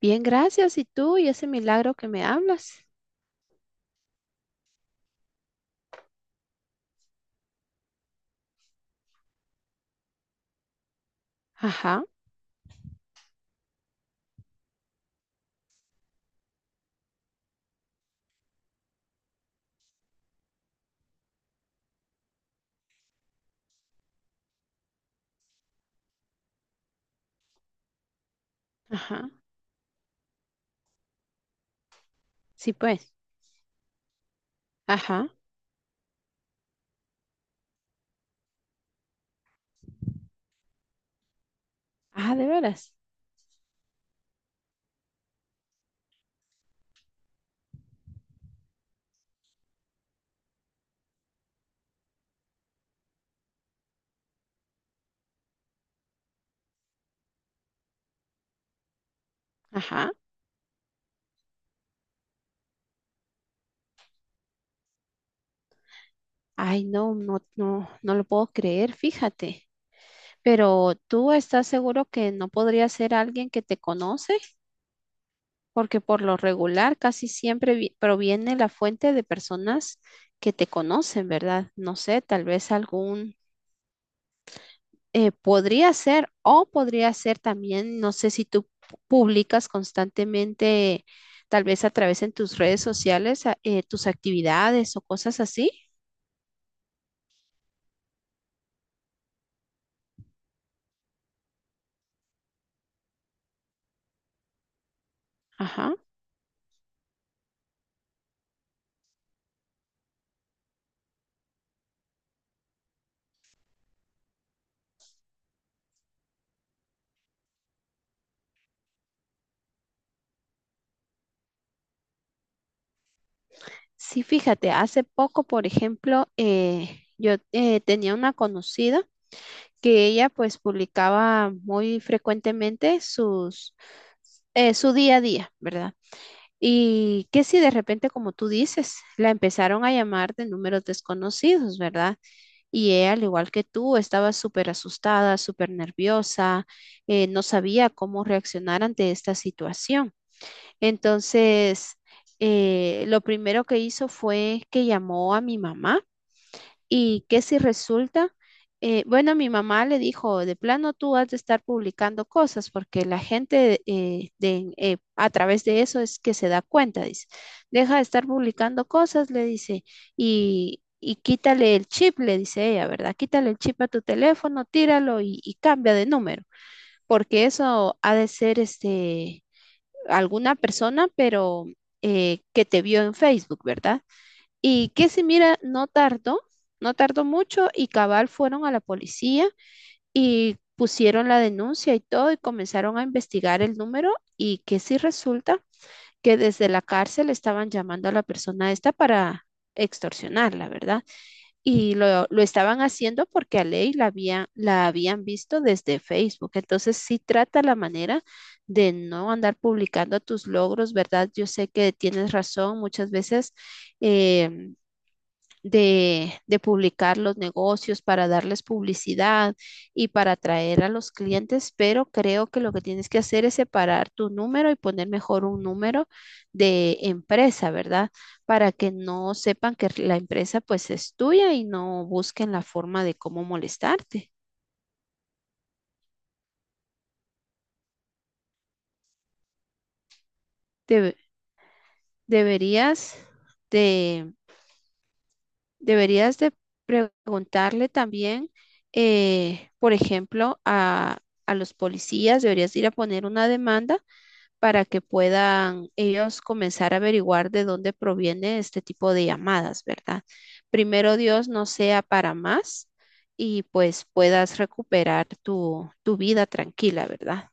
Bien, gracias. ¿Y tú? ¿Y ese milagro que me hablas? Ajá, ajá. Sí, pues. Ajá. Ah, de veras. Ajá. Ay, no, no, no, no lo puedo creer, fíjate. Pero ¿tú estás seguro que no podría ser alguien que te conoce? Porque por lo regular casi siempre proviene la fuente de personas que te conocen, ¿verdad? No sé, tal vez algún. Podría ser, o podría ser también, no sé si tú publicas constantemente, tal vez a través en tus redes sociales, tus actividades o cosas así. Ajá. Sí, fíjate, hace poco, por ejemplo, yo tenía una conocida que ella pues publicaba muy frecuentemente sus, su día a día, ¿verdad? Y que si de repente, como tú dices, la empezaron a llamar de números desconocidos, ¿verdad? Y ella, al igual que tú, estaba súper asustada, súper nerviosa, no sabía cómo reaccionar ante esta situación. Entonces, lo primero que hizo fue que llamó a mi mamá. ¿Y qué si resulta? Bueno, mi mamá le dijo, de plano tú has de estar publicando cosas porque la gente, a través de eso es que se da cuenta, dice, deja de estar publicando cosas, le dice, y quítale el chip, le dice ella, ¿verdad? Quítale el chip a tu teléfono, tíralo y cambia de número, porque eso ha de ser este, alguna persona, pero que te vio en Facebook, ¿verdad? Y que si mira, no tardó, no tardó mucho y cabal fueron a la policía y pusieron la denuncia y todo y comenzaron a investigar el número y que si resulta que desde la cárcel estaban llamando a la persona esta para extorsionarla, ¿verdad? Y lo estaban haciendo porque a Ley la, había, la habían visto desde Facebook. Entonces sí trata la manera de no andar publicando tus logros, ¿verdad? Yo sé que tienes razón, muchas veces eh, de publicar los negocios, para darles publicidad y para atraer a los clientes, pero creo que lo que tienes que hacer es separar tu número y poner mejor un número de empresa, ¿verdad? Para que no sepan que la empresa pues es tuya y no busquen la forma de cómo molestarte. Debe- deberías de deberías de preguntarle también, por ejemplo, a los policías, deberías ir a poner una demanda para que puedan ellos comenzar a averiguar de dónde proviene este tipo de llamadas, ¿verdad? Primero Dios no sea para más y pues puedas recuperar tu, tu vida tranquila, ¿verdad?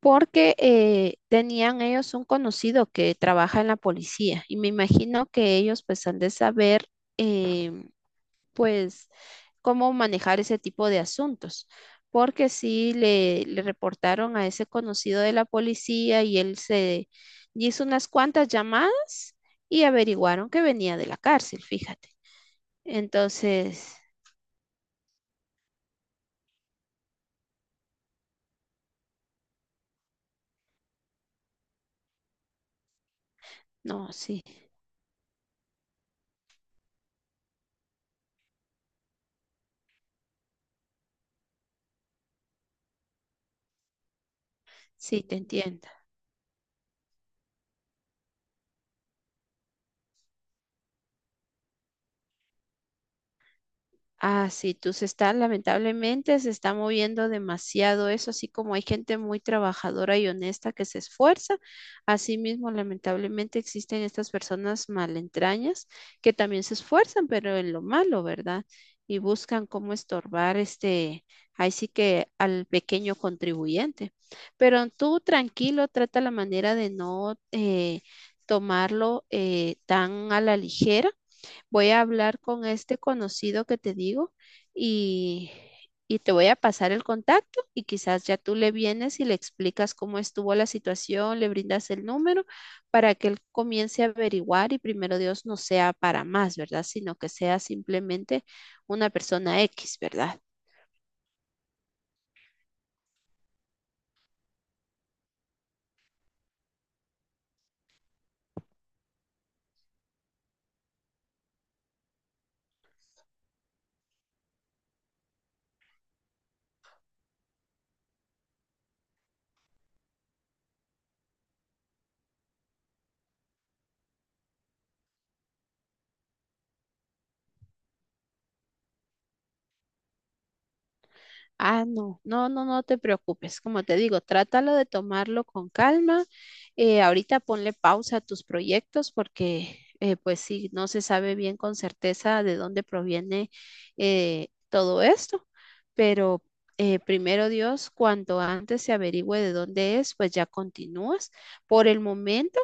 Porque tenían ellos un conocido que trabaja en la policía y me imagino que ellos pues han de saber. em, pues cómo manejar ese tipo de asuntos, porque sí le reportaron a ese conocido de la policía y él se hizo unas cuantas llamadas y averiguaron que venía de la cárcel, fíjate. Entonces, no, sí, sí, te entiendo. Ah, sí, tú se está, lamentablemente se está moviendo demasiado eso, así como hay gente muy trabajadora y honesta que se esfuerza, asimismo lamentablemente existen estas personas malentrañas que también se esfuerzan, pero en lo malo, ¿verdad? Y buscan cómo estorbar este, ahí sí que al pequeño contribuyente. Pero tú tranquilo, trata la manera de no tomarlo tan a la ligera. Voy a hablar con este conocido que te digo y, y te voy a pasar el contacto y quizás ya tú le vienes y le explicas cómo estuvo la situación, le brindas el número para que él comience a averiguar y primero Dios no sea para más, ¿verdad? Sino que sea simplemente una persona X, ¿verdad? Ah, no, no, no, no te preocupes. Como te digo, trátalo de tomarlo con calma. Ahorita ponle pausa a tus proyectos porque, pues sí, no se sabe bien con certeza de dónde proviene, todo esto. Pero primero Dios, cuanto antes se averigüe de dónde es, pues ya continúas. Por el momento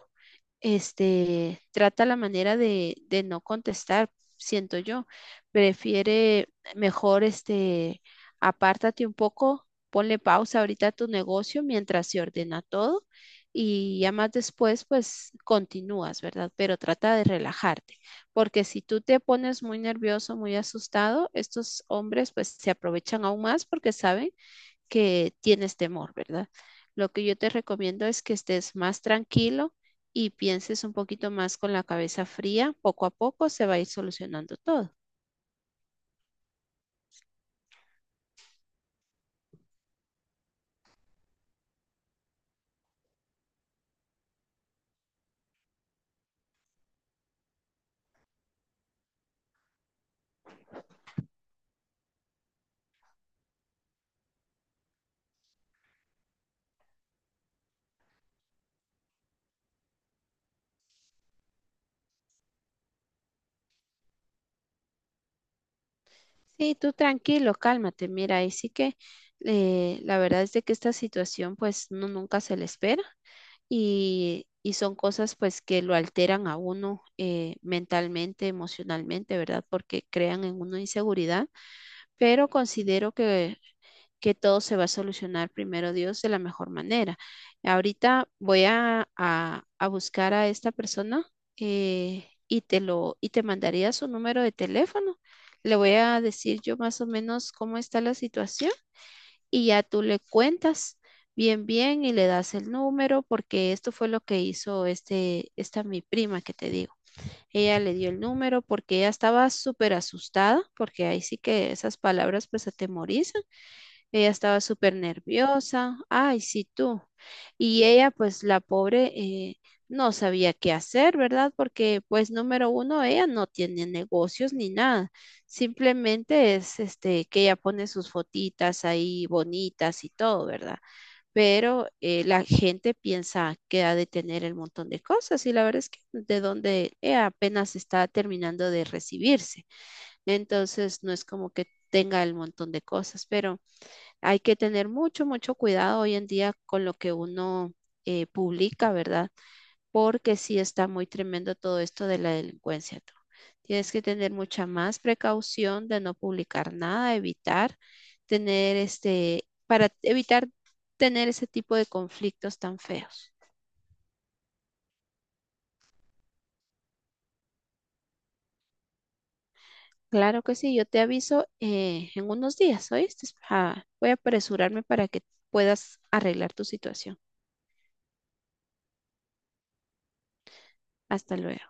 este, trata la manera de no contestar, siento yo. Prefiere mejor, este, apártate un poco, ponle pausa ahorita a tu negocio mientras se ordena todo y ya más después, pues continúas, ¿verdad? Pero trata de relajarte, porque si tú te pones muy nervioso, muy asustado, estos hombres pues se aprovechan aún más porque saben que tienes temor, ¿verdad? Lo que yo te recomiendo es que estés más tranquilo y pienses un poquito más con la cabeza fría. Poco a poco se va a ir solucionando todo. Sí, tú tranquilo, cálmate. Mira, ahí sí que la verdad es de que esta situación pues no, nunca se le espera y son cosas pues que lo alteran a uno, mentalmente, emocionalmente, ¿verdad? Porque crean en uno inseguridad, pero considero que todo se va a solucionar primero Dios de la mejor manera. Ahorita voy a, a buscar a esta persona, y te lo, y te mandaría su número de teléfono. Le voy a decir yo más o menos cómo está la situación y ya tú le cuentas bien, bien y le das el número porque esto fue lo que hizo este, esta mi prima que te digo. Ella le dio el número porque ella estaba súper asustada porque ahí sí que esas palabras pues atemorizan, ella estaba súper nerviosa. Ay, sí, tú. Y ella, pues la pobre, no sabía qué hacer, ¿verdad? Porque, pues, número uno, ella no tiene negocios ni nada. Simplemente es, este, que ella pone sus fotitas ahí bonitas y todo, ¿verdad? Pero la gente piensa que ha de tener el montón de cosas y la verdad es que de donde ella apenas está terminando de recibirse. Entonces, no es como que tenga el montón de cosas, pero... Hay que tener mucho, mucho cuidado hoy en día con lo que uno publica, ¿verdad? Porque sí está muy tremendo todo esto de la delincuencia, tú. Tienes que tener mucha más precaución de no publicar nada, evitar tener este, para evitar tener ese tipo de conflictos tan feos. Claro que sí, yo te aviso en unos días, ¿oíste? Ah, voy a apresurarme para que puedas arreglar tu situación. Hasta luego.